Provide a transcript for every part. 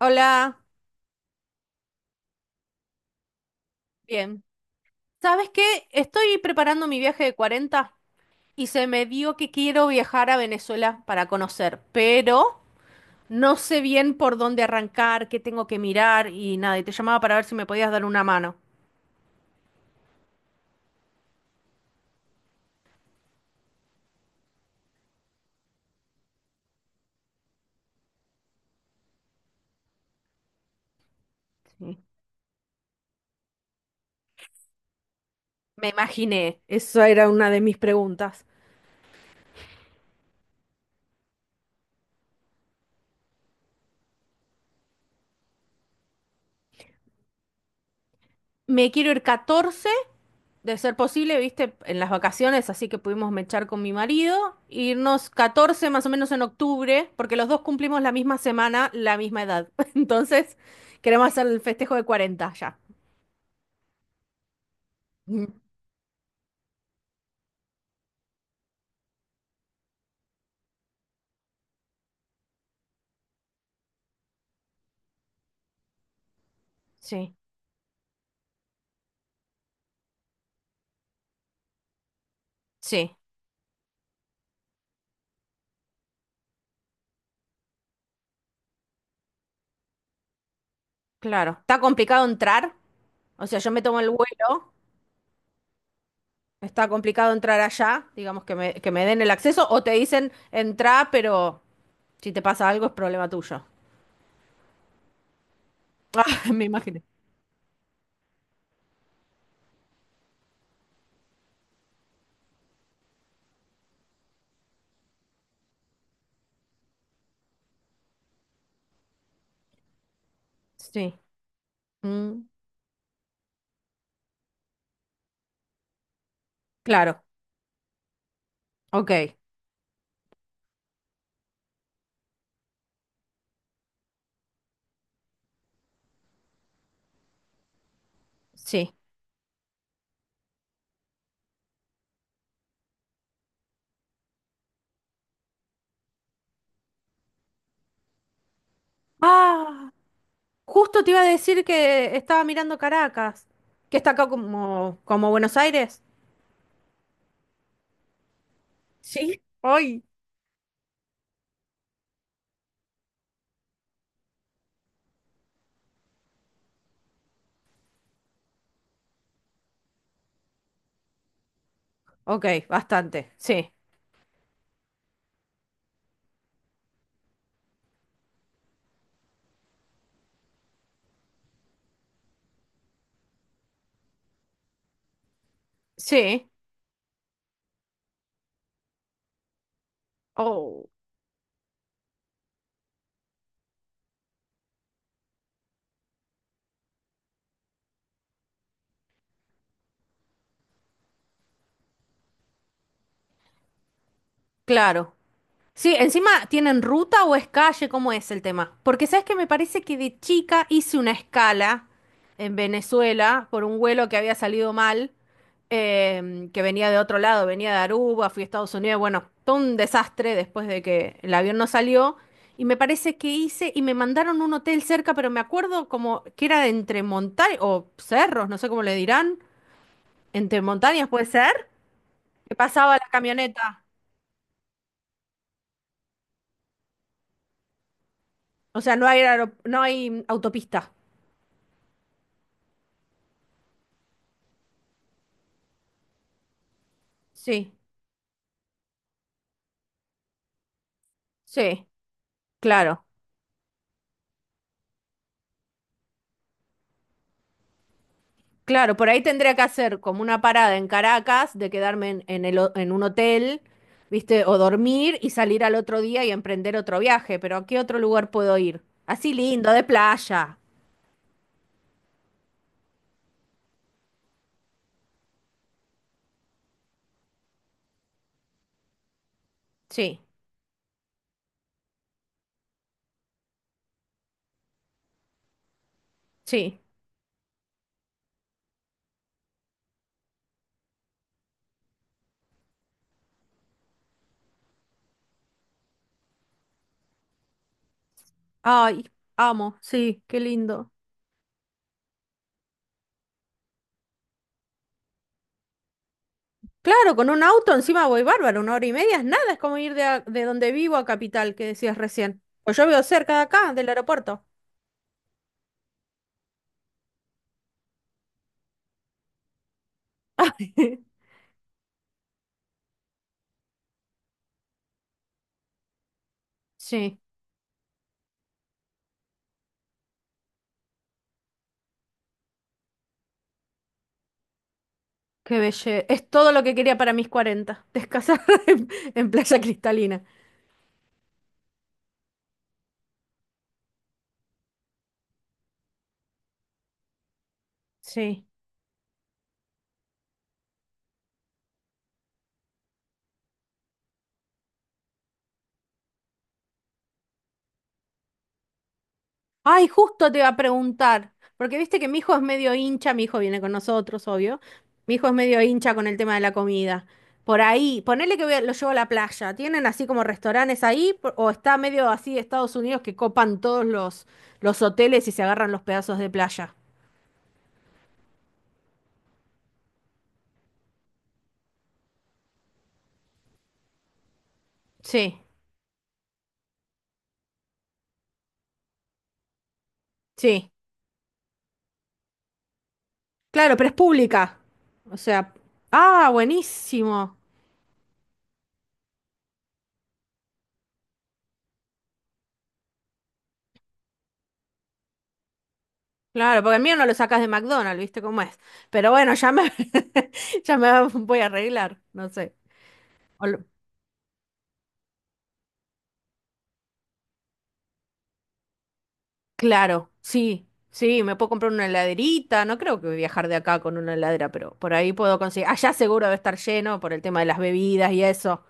Hola, bien. ¿Sabes qué? Estoy preparando mi viaje de 40 y se me dio que quiero viajar a Venezuela para conocer, pero no sé bien por dónde arrancar, qué tengo que mirar y nada, y te llamaba para ver si me podías dar una mano. Sí. Me imaginé, esa era una de mis preguntas. Me quiero ir 14, de ser posible, viste, en las vacaciones, así que pudimos mechar con mi marido, irnos 14 más o menos en octubre, porque los dos cumplimos la misma semana, la misma edad. Entonces, queremos hacer el festejo de 40 ya. Mm, sí, sí, claro. Está complicado entrar, o sea, yo me tomo el vuelo, está complicado entrar allá, digamos que me den el acceso, o te dicen, entra, pero si te pasa algo es problema tuyo. Ah, me imaginé. Sí, mm, claro, ok, sí. Ah, justo te iba a decir que estaba mirando Caracas, que está acá como, como Buenos Aires. Sí, hoy. Ok, bastante, sí, sí. Oh, claro. Sí, encima, ¿tienen ruta o es calle? ¿Cómo es el tema? Porque sabes que me parece que de chica hice una escala en Venezuela por un vuelo que había salido mal, que venía de otro lado, venía de Aruba, fui a Estados Unidos, bueno, todo un desastre después de que el avión no salió. Y me parece que hice y me mandaron un hotel cerca, pero me acuerdo como que era entre montañas o cerros, no sé cómo le dirán, entre montañas puede ser, que pasaba la camioneta. O sea, no hay autopista. Sí, sí, claro, claro. Por ahí tendría que hacer como una parada en Caracas de quedarme en, en un hotel, ¿viste? O dormir y salir al otro día y emprender otro viaje. Pero ¿a qué otro lugar puedo ir? Así lindo, de playa. Sí, sí. Ay, amo, sí, qué lindo. Claro, con un auto encima voy bárbaro, una hora y media es nada, es como ir de donde vivo a Capital, que decías recién. Pues yo vivo cerca de acá, del aeropuerto. Sí. Qué belleza. Es todo lo que quería para mis 40. Descansar en playa cristalina. Sí. Ay, justo te iba a preguntar. Porque viste que mi hijo es medio hincha. Mi hijo viene con nosotros, obvio. Mi hijo es medio hincha con el tema de la comida. Por ahí, ponele que lo llevo a la playa. ¿Tienen así como restaurantes ahí? ¿O está medio así Estados Unidos que copan todos los hoteles y se agarran los pedazos de playa? Sí, sí. Claro, pero es pública. O sea, ah, buenísimo. Claro, porque el mío no lo sacas de McDonald's, ¿viste cómo es? Pero bueno, ya me, ya me voy a arreglar, no sé. O lo- Claro, sí, sí, me puedo comprar una heladerita, no creo que voy a viajar de acá con una heladera, pero por ahí puedo conseguir. Allá seguro debe estar lleno por el tema de las bebidas y eso.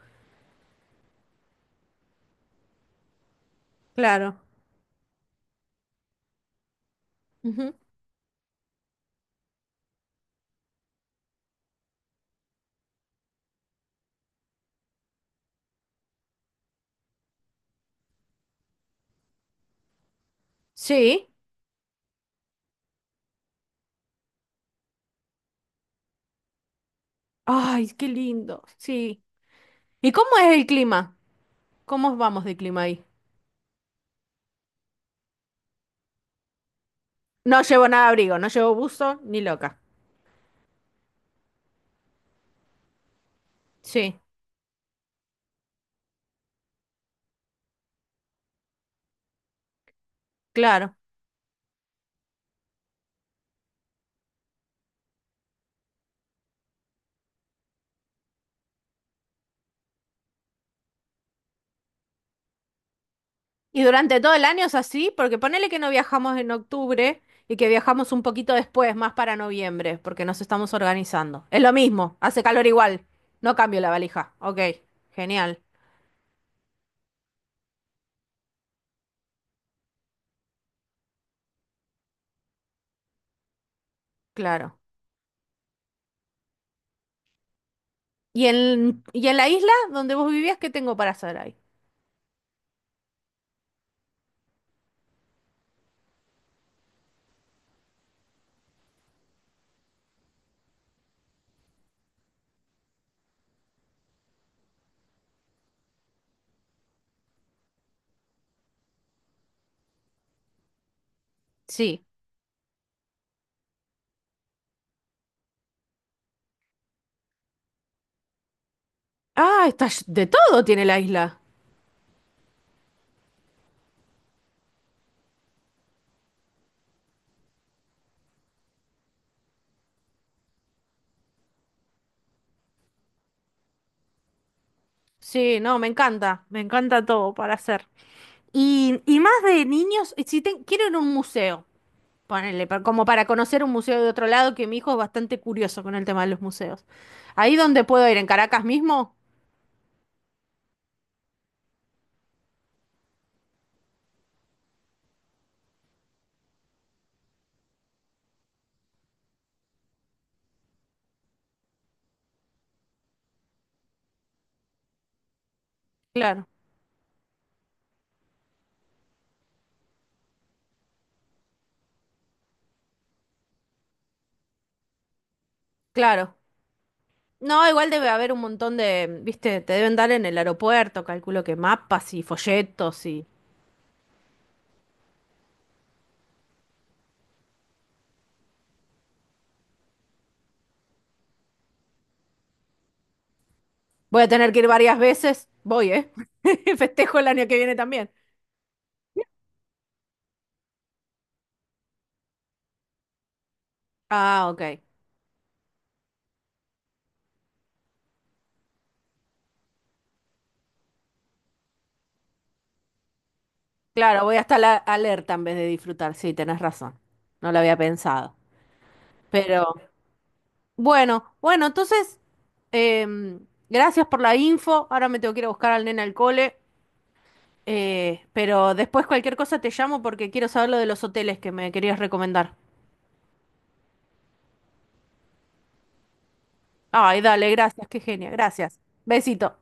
Claro. Ujú. Sí. Ay, qué lindo, sí. ¿Y cómo es el clima? ¿Cómo vamos de clima ahí? No llevo nada de abrigo, no llevo buzo ni loca. Sí, claro. Y durante todo el año es así, porque ponele que no viajamos en octubre y que viajamos un poquito después, más para noviembre, porque nos estamos organizando. Es lo mismo, hace calor igual. No cambio la valija. Ok, genial, claro. Y en la isla donde vos vivías, qué tengo para hacer ahí? Sí. Ah, está, de todo tiene la isla. Sí, no, me encanta todo para hacer. Y más de niños, si te- quiero ir a un museo. Ponele, como para conocer un museo de otro lado, que mi hijo es bastante curioso con el tema de los museos. ¿Ahí donde puedo ir? ¿En Caracas mismo? Claro, claro. No, igual debe haber un montón de, viste, te deben dar en el aeropuerto, calculo que mapas y folletos y... Voy a tener que ir varias veces. Voy, ¿eh? Festejo el año que viene también. Ah, ok. Claro, voy hasta la alerta en vez de disfrutar. Sí, tenés razón. No lo había pensado. Pero... Bueno, bueno, entonces, gracias por la info. Ahora me tengo que ir a buscar al nene al cole. Pero después cualquier cosa te llamo porque quiero saber lo de los hoteles que me querías recomendar. Ay, dale, gracias, qué genia, gracias. Besito.